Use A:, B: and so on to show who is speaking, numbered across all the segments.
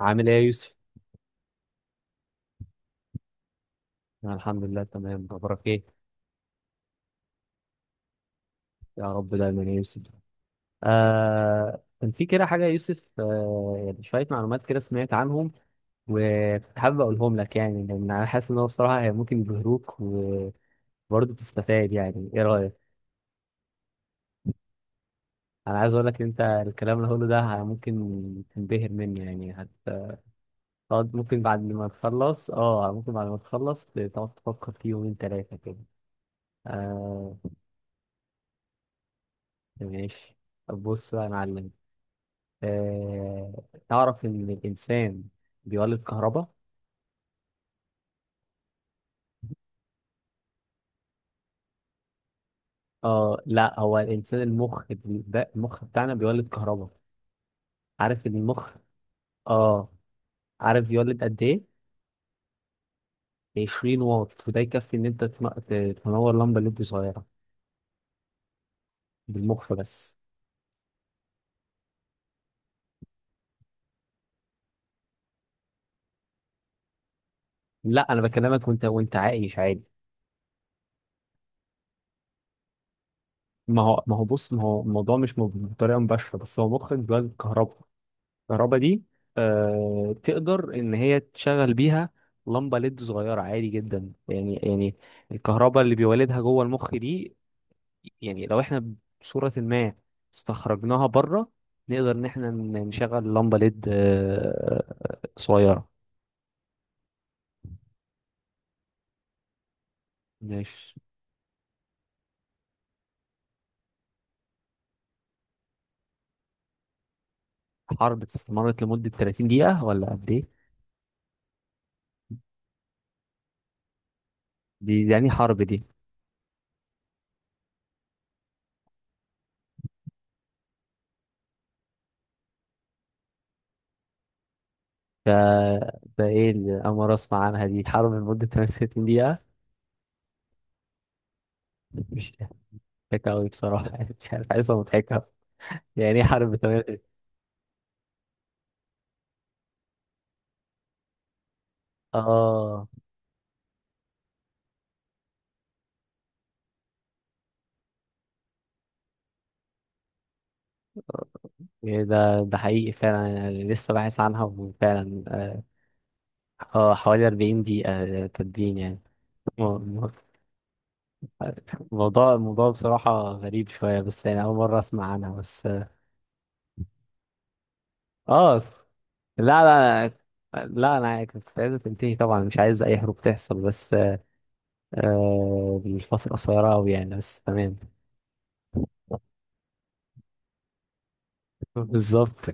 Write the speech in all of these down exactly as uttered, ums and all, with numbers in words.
A: عامل ايه يا يوسف؟ أنا الحمد لله تمام، اخبارك ايه؟ يا رب دايما يا يوسف. آه كان في كده حاجة يا يوسف، آه يعني شوية معلومات كده سمعت عنهم وكنت حابب اقولهم لك، يعني لان انا حاسس ان هو الصراحة هي ممكن يبهروك وبرضه تستفاد. يعني ايه رأيك؟ انا عايز اقول لك ان انت الكلام اللي هقوله ده ه- ممكن تنبهر منه، يعني هتقعد ممكن بعد ما تخلص اه ممكن بعد ما تخلص تقعد تفكر فيه يومين ثلاثة كده. آه. ماشي. طب بص بقى يا معلم. آه، تعرف إن الإنسان بيولد كهرباء؟ آه، لا، هو الإنسان المخ بي- ده المخ بتاعنا بيولد كهرباء. عارف إن المخ آه عارف بيولد قد إيه؟ عشرين واط، وده يكفي إن أنت تن- ت- تنور لمبة ليد صغيرة. بالمخ بس. لا، أنا بكلمك وأنت وأنت عايش عادي. ما هو ما هو بص، ما هو الموضوع مش م- بطريقة مباشرة، بس هو مخك بيولد كهرباء. الكهرباء دي آه تقدر ان هي تشغل بيها لمبه ليد صغيره عادي جدا، يعني يعني الكهرباء اللي بيولدها جوه المخ دي، يعني لو احنا بصوره ما استخرجناها بره، نقدر ان احنا ن- نشغل لمبه ليد آه صغيره. مش حرب استمرت لمده ثلاثين دقيقه ولا قد ايه؟ دي دي يعني حرب دي. ده ده ايه اللي انا أول مرة اسمع عنها دي؟ حرب لمده ثلاثين دقيقه؟ مش مضحكة أوي بصراحة مش عارف، عايزة مضحكة يعني. ايه حرب تمنية وتسعين؟ اه، إيه ده ده حقيقي فعلا، يعني لسه باحث عنها وفعلا اه. آه، حوالي اربعين دقيقة. آه، تدوين يعني. مو- مو- الموضوع الموضوع بصراحة غريب شوية، بس يعني أول مرة أسمع عنها بس اه آه، لا، لا، لا، أنا كنت عايزة تنتهي طبعا، مش عايز أي حروب تحصل، بس آه الفترة قصيرة أوي يعني، بس تمام. بالظبط.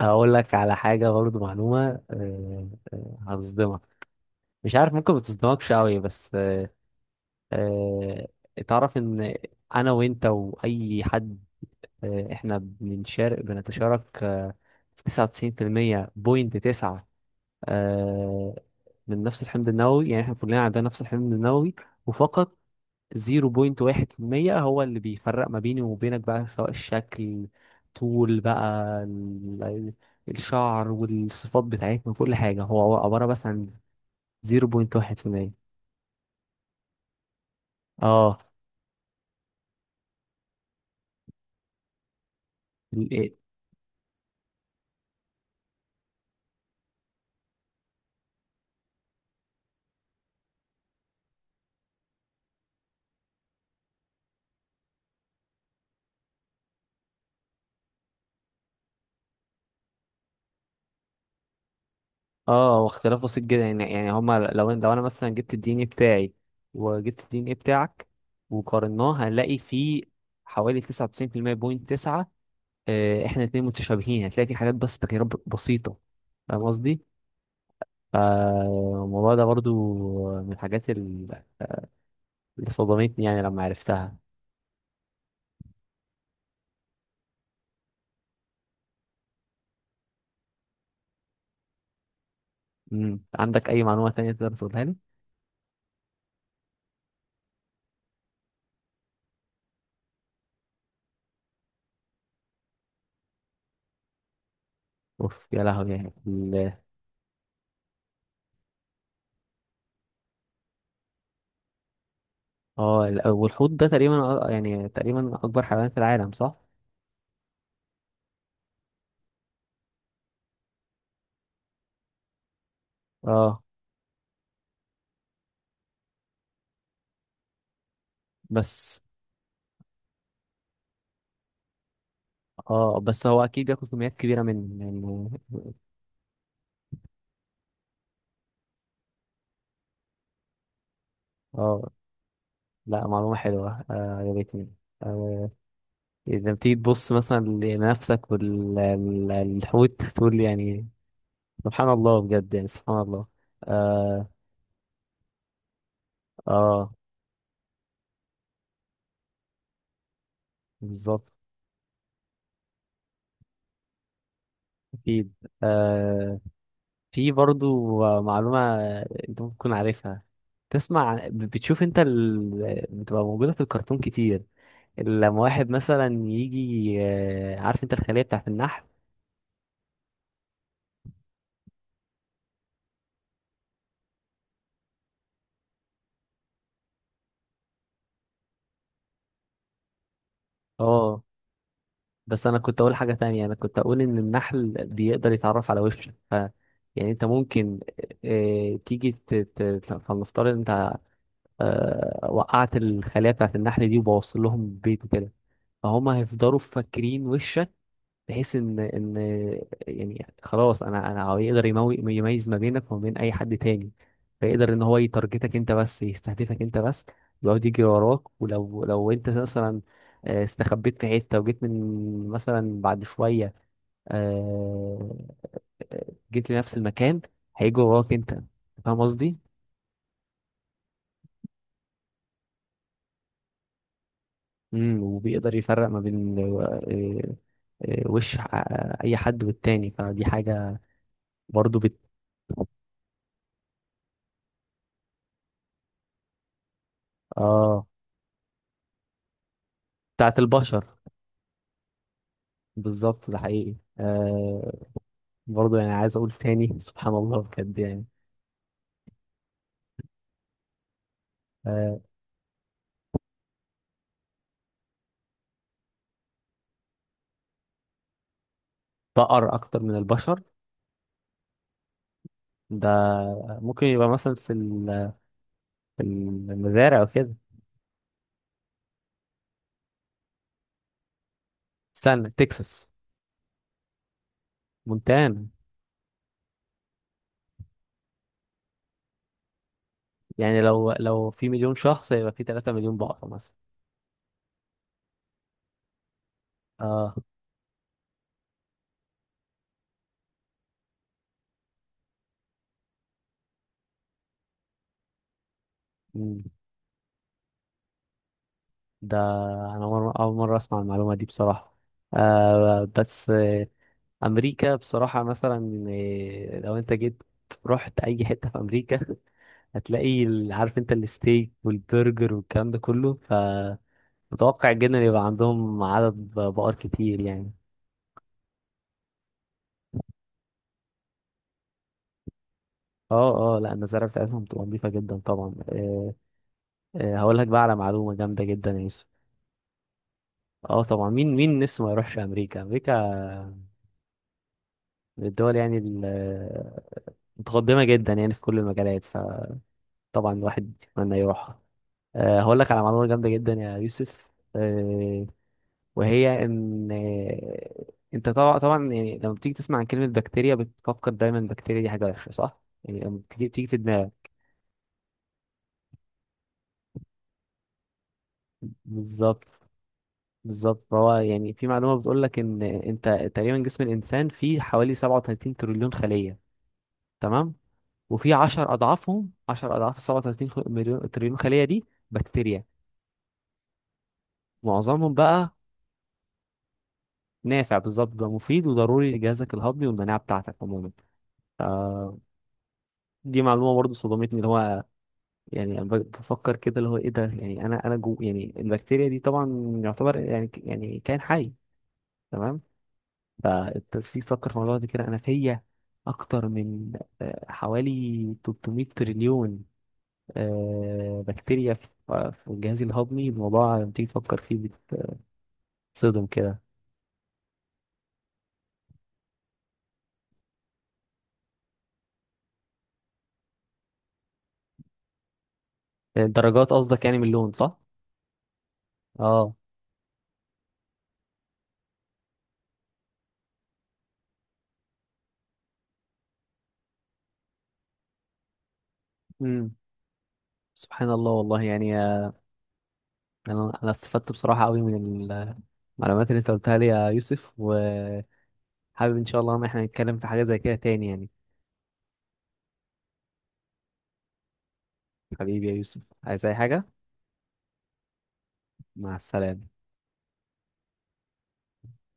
A: هقول لك على حاجة برضه، معلومة، آه، آه، هتصدمك. مش عارف، ممكن ما تصدمكش قوي، بس آه. تعرف ان انا وانت واي حد، آه احنا بنشارك بنتشارك آه في تسعة وتسعين في المية بوينت تسعة آه من نفس الحمض النووي. يعني احنا كلنا عندنا نفس الحمض النووي، وفقط صفر فاصلة واحد بالمية هو اللي بيفرق ما بيني وبينك، بقى سواء الشكل، طول بقى، ال- الشعر والصفات بتاعتنا وكل حاجة هو عبارة بس عن صفر فاصلة واحد بالمية. اه. اه، واختلاف بسيط جدا، يعني يعني هما لو لو انا مثلا جبت الدي ان ايه بتاعي وجبت الدي ان ايه بتاعك وقارناه، هنلاقي فيه حوالي تسعة وتسعين بالمية بوينت تسعة احنا الاتنين متشابهين، هتلاقي في حاجات بس تغييرات ب- بسيطة. فاهم قصدي؟ فالموضوع ده برضو من الحاجات ال- اللي صدمتني يعني لما عرفتها. مم. عندك أي معلومة تانية تقدر تقولها لي؟ اوف يا لهوي، يعني ال- اه، ال- والحوت ده تقريبا أ- يعني تقريبا أكبر حيوان في العالم، صح؟ اه، بس. اه، بس هو اكيد بياكل كميات كبيره من، يعني. اه، لا، معلومه حلوه آه، عجبتني. آه، اذا بتيجي تبص مثلا لنفسك والحوت، تقول يعني سبحان الله بجد، يعني سبحان الله. اه. اه، بالظبط. اكيد. آه، في برضو معلومه انت ممكن تكون عارفها. تسمع عن- بتشوف انت ال، بتبقى موجوده في الكرتون كتير. لما واحد مثلا يجي آه، عارف انت الخليه بتاعت النحل؟ اه، بس انا كنت اقول حاجه تانية، انا كنت اقول ان النحل بيقدر يتعرف على وشك، ف يعني انت ممكن آه، تيجي ت- ت- فلنفترض انت آه، وقعت الخليه بتاعت النحل دي وبوصل لهم بيت وكده، فهم هيفضلوا فاكرين وشك، بحيث ان ان يعني خلاص، انا انا هو يقدر يموي- يميز ما بينك وما بين اي حد تاني، فيقدر ان هو يتارجتك انت بس، يستهدفك انت بس، يقعد يجري وراك، ولو لو انت مثلا آه، استخبيت في حته وجيت من مثلا بعد شويه، آه، جيت لنفس المكان، هيجي وراك انت. فاهم قصدي؟ امم وبيقدر يفرق ما بين آه، آه، وش آه، اي حد والتاني، فدي حاجه برضو بت. اه. بتاعت البشر. بالظبط، ده حقيقي آه، برضه يعني عايز اقول تاني سبحان الله بجد يعني. آه، بقر اكتر من البشر؟ ده ممكن يبقى مثلا في ال- في المزارع وكده. استنى، تكساس؟ مونتانا. يعني لو لو في مليون شخص يبقى في ثلاثة مليون بقرة مثلا. اه. مم. ده انا مر- اول مرة اسمع المعلومة دي بصراحة. آه، بس آه، امريكا بصراحة مثلا، آه، لو انت جيت رحت اي حتة في امريكا، هتلاقي ال- عارف انت الستيك والبرجر والكلام ده كله، فمتوقع جدا يبقى عندهم عدد ب- بقر كتير يعني. اه. اه، لا المزارع بتاعتهم بتبقى نظيفة جدا طبعا. أه. أه، هقول لك بقى على معلومة جامدة جدا يا يوسف. اه، طبعا، مين مين لسه ما يروحش امريكا؟ امريكا من الدول يعني ال- متقدمة جدا يعني في كل المجالات، فطبعا الواحد يتمنى يروحها. أه هقول لك على معلومة جامدة جدا يا يوسف. آه، وهي ان انت طبعا، طبعا يعني لما بتيجي تسمع عن كلمة بكتيريا بتفكر دايما البكتيريا دي حاجة وحشة، صح؟ يعني لما بتيجي بتيجي في دماغك. بالظبط. بالظبط، فهو يعني في معلومة بتقول لك ان انت تقريبا جسم الانسان فيه حوالي سبعة وتلاتين تريليون خلية، تمام؟ وفي عشرة اضعافهم عشرة اضعاف ال سبعة وتلاتين خ- مليون تريليون خلية دي بكتيريا. معظمهم بقى نافع، بالظبط، بقى مفيد وضروري لجهازك الهضمي والمناعة بتاعتك عموما. دي معلومة برضه صدمتني، اللي هو يعني ب- بفكر كده، اللي هو ايه ده؟ يعني انا انا جو، يعني البكتيريا دي طبعا يعتبر يعني ك- يعني كائن حي. تمام. فالتنسيق، فكر في الموضوع ده كده، انا فيا اكتر من آه، حوالي تلتميت تريليون آه، بكتيريا في آه، في الجهاز الهضمي. الموضوع لما تيجي تفكر فيه بتصدم كده. الدرجات قصدك يعني من اللون، صح؟ اه. امم. سبحان الله والله يعني، آه، انا انا استفدت بصراحة قوي من ال- المعلومات اللي انت قلتها لي يا يوسف، و حابب ان شاء الله ان احنا نتكلم في حاجة زي كده تاني يعني. حبيبي يا يوسف، عايز اي حاجة؟ مع السلامة.